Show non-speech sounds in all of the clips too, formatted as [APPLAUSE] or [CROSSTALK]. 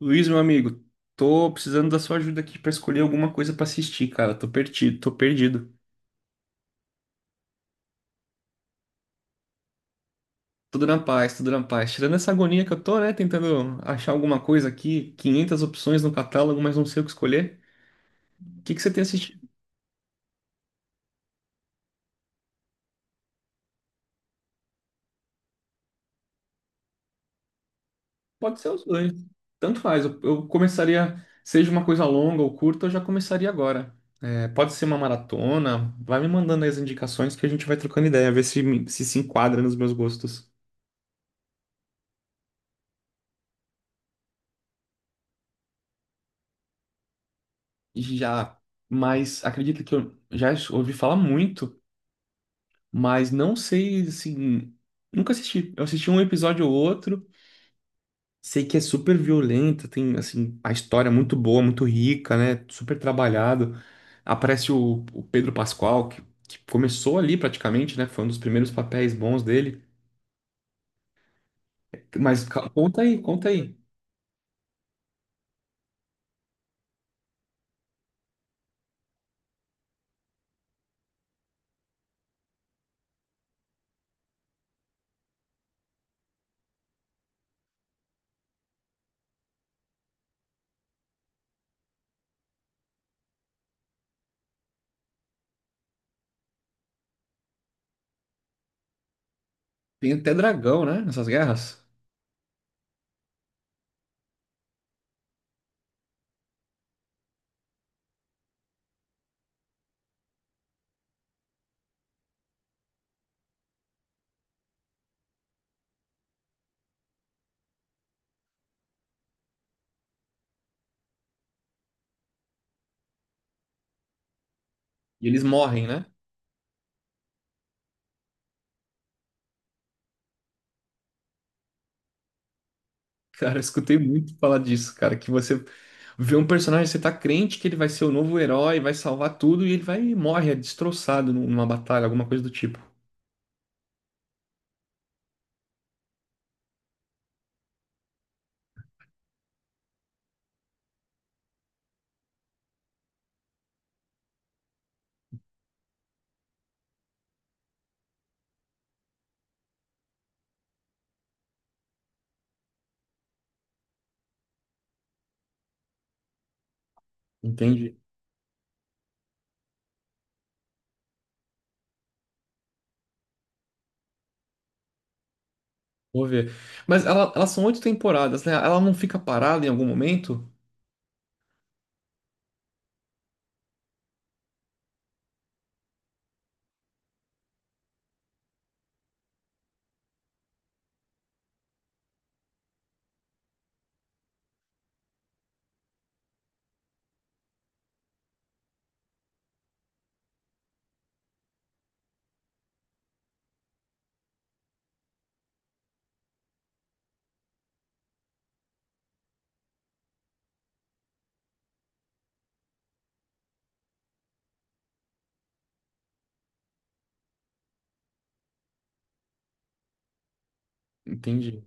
Luiz, meu amigo, tô precisando da sua ajuda aqui pra escolher alguma coisa pra assistir, cara. Tô perdido, tô perdido. Tudo na paz, tudo na paz. Tirando essa agonia que eu tô, né, tentando achar alguma coisa aqui, 500 opções no catálogo, mas não sei o que escolher. O que que você tem assistido? Pode ser os dois. Tanto faz. Eu começaria, seja uma coisa longa ou curta, eu já começaria agora. É, pode ser uma maratona. Vai me mandando aí as indicações que a gente vai trocando ideia, ver se, se enquadra nos meus gostos. Já, mas acredito que eu já ouvi falar muito, mas não sei, assim, nunca assisti. Eu assisti um episódio ou outro, sei que é super violenta, tem, assim, a história é muito boa, muito rica, né? Super trabalhado. Aparece o Pedro Pascal, que começou ali praticamente, né? Foi um dos primeiros papéis bons dele. Mas conta aí, conta aí. Tem até dragão, né? Nessas guerras. E eles morrem, né? Cara, eu escutei muito falar disso, cara, que você vê um personagem, você tá crente que ele vai ser o novo herói, vai salvar tudo, e ele vai e morre, é destroçado numa batalha, alguma coisa do tipo. Entende? Vou ver. Mas elas são oito temporadas, né? Ela não fica parada em algum momento? Entendi.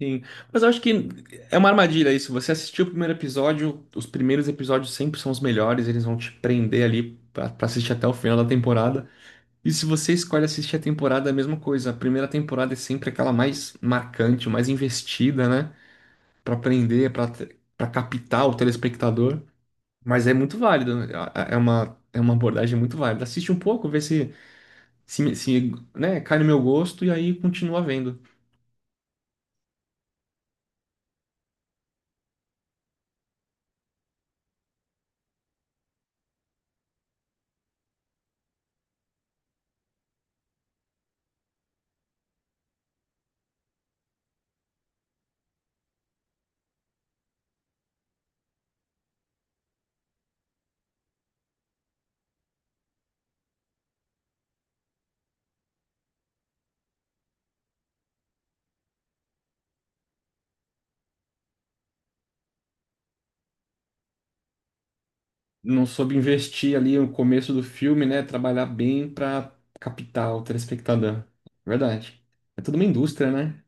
Sim. Mas eu acho que é uma armadilha isso. Você assistiu o primeiro episódio, os primeiros episódios sempre são os melhores, eles vão te prender ali pra assistir até o final da temporada. E se você escolhe assistir a temporada, é a mesma coisa. A primeira temporada é sempre aquela mais marcante, mais investida, né? Pra prender, pra para captar o telespectador. Mas é muito válido, né? É uma abordagem muito válida. Assiste um pouco, vê se, né, cai no meu gosto e aí continua vendo. Não soube investir ali no começo do filme, né? Trabalhar bem pra captar o telespectador. Verdade. É toda uma indústria, né?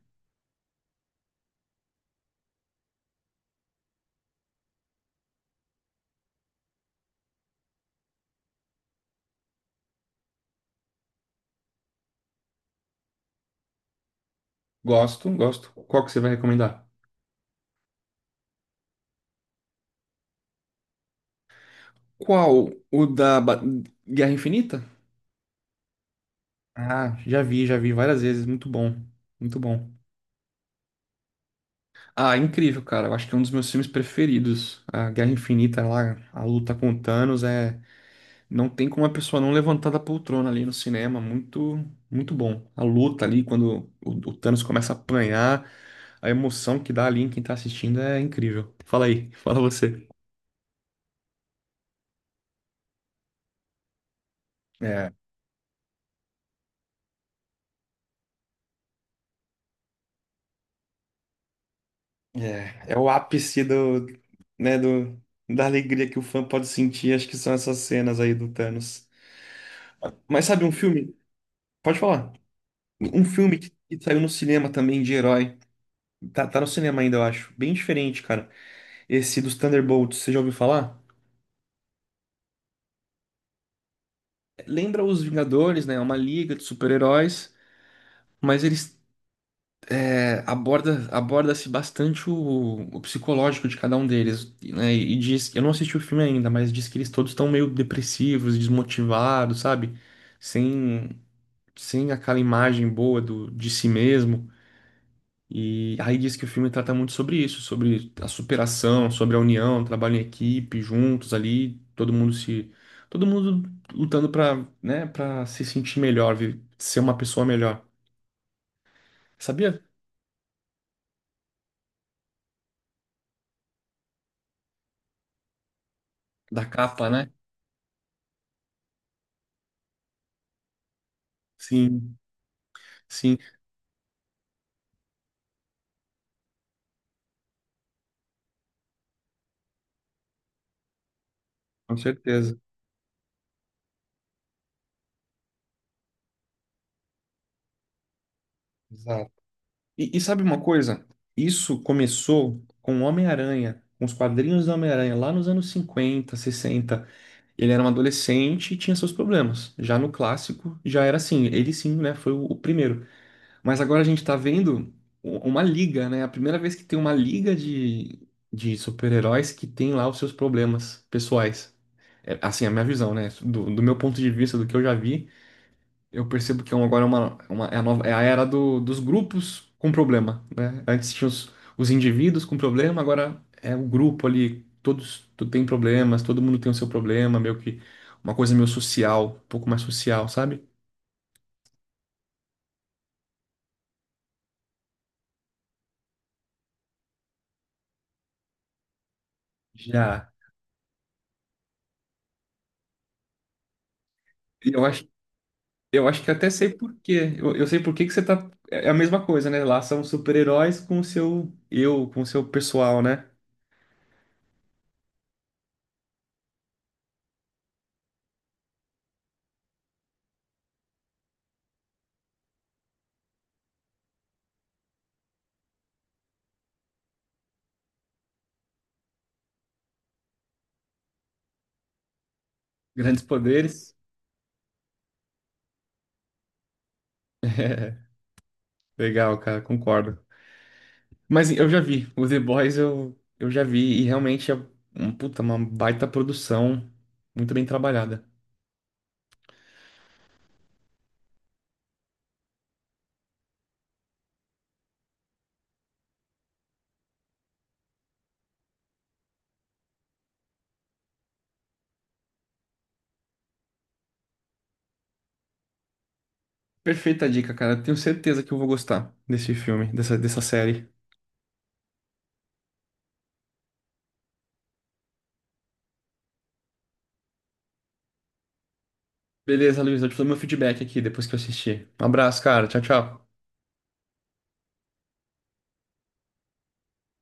Gosto, gosto. Qual que você vai recomendar? Qual? O da Guerra Infinita? Ah, já vi várias vezes. Muito bom. Muito bom. Ah, incrível, cara. Eu acho que é um dos meus filmes preferidos. A Guerra Infinita lá, a luta com o Thanos é. Não tem como a pessoa não levantar da poltrona ali no cinema. Muito, muito bom. A luta ali, quando o Thanos começa a apanhar, a emoção que dá ali em quem tá assistindo é incrível. Fala aí, [LAUGHS] fala você. É, é o ápice do, né, da alegria que o fã pode sentir, acho que são essas cenas aí do Thanos. Mas sabe um filme? Pode falar. Um filme que saiu no cinema também de herói. Tá no cinema ainda, eu acho. Bem diferente, cara. Esse dos Thunderbolts, você já ouviu falar? Lembra os Vingadores, né? É uma liga de super-heróis, mas eles aborda-se bastante o psicológico de cada um deles, né? E diz, eu não assisti o filme ainda, mas diz que eles todos estão meio depressivos, desmotivados, sabe? Sem sem aquela imagem boa de si mesmo. E aí diz que o filme trata muito sobre isso, sobre a superação, sobre a união, trabalho em equipe, juntos ali, todo mundo se todo mundo lutando para, né, para se sentir melhor, ser uma pessoa melhor. Sabia? Da capa, né? Sim. Sim, com certeza. Exato. E sabe uma coisa? Isso começou com o Homem-Aranha, com os quadrinhos do Homem-Aranha, lá nos anos 50 60. Ele era um adolescente e tinha seus problemas. Já no clássico, já era assim. Ele sim, né? Foi o primeiro. Mas agora a gente tá vendo uma liga, né? A primeira vez que tem uma liga de super-heróis que tem lá os seus problemas pessoais. É, assim, a minha visão, né? Do meu ponto de vista, do que eu já vi, eu percebo que agora é a era dos grupos com problema, né? Antes tinha os indivíduos com problema, agora é o grupo ali, todos tem problemas, todo mundo tem o seu problema, meio que uma coisa meio social, um pouco mais social, sabe? Já. E eu acho que até sei por quê. Eu sei por que que você tá. É a mesma coisa, né? Lá são super-heróis com o seu eu, com o seu pessoal, né? Grandes poderes. [LAUGHS] É, legal, cara, concordo. Mas eu já vi, o The Boys eu já vi, e realmente é puta, uma baita produção, muito bem trabalhada. Perfeita dica, cara. Tenho certeza que eu vou gostar desse filme, dessa série. Beleza, Luiz, eu te dou meu feedback aqui depois que eu assistir. Um abraço, cara. Tchau, tchau.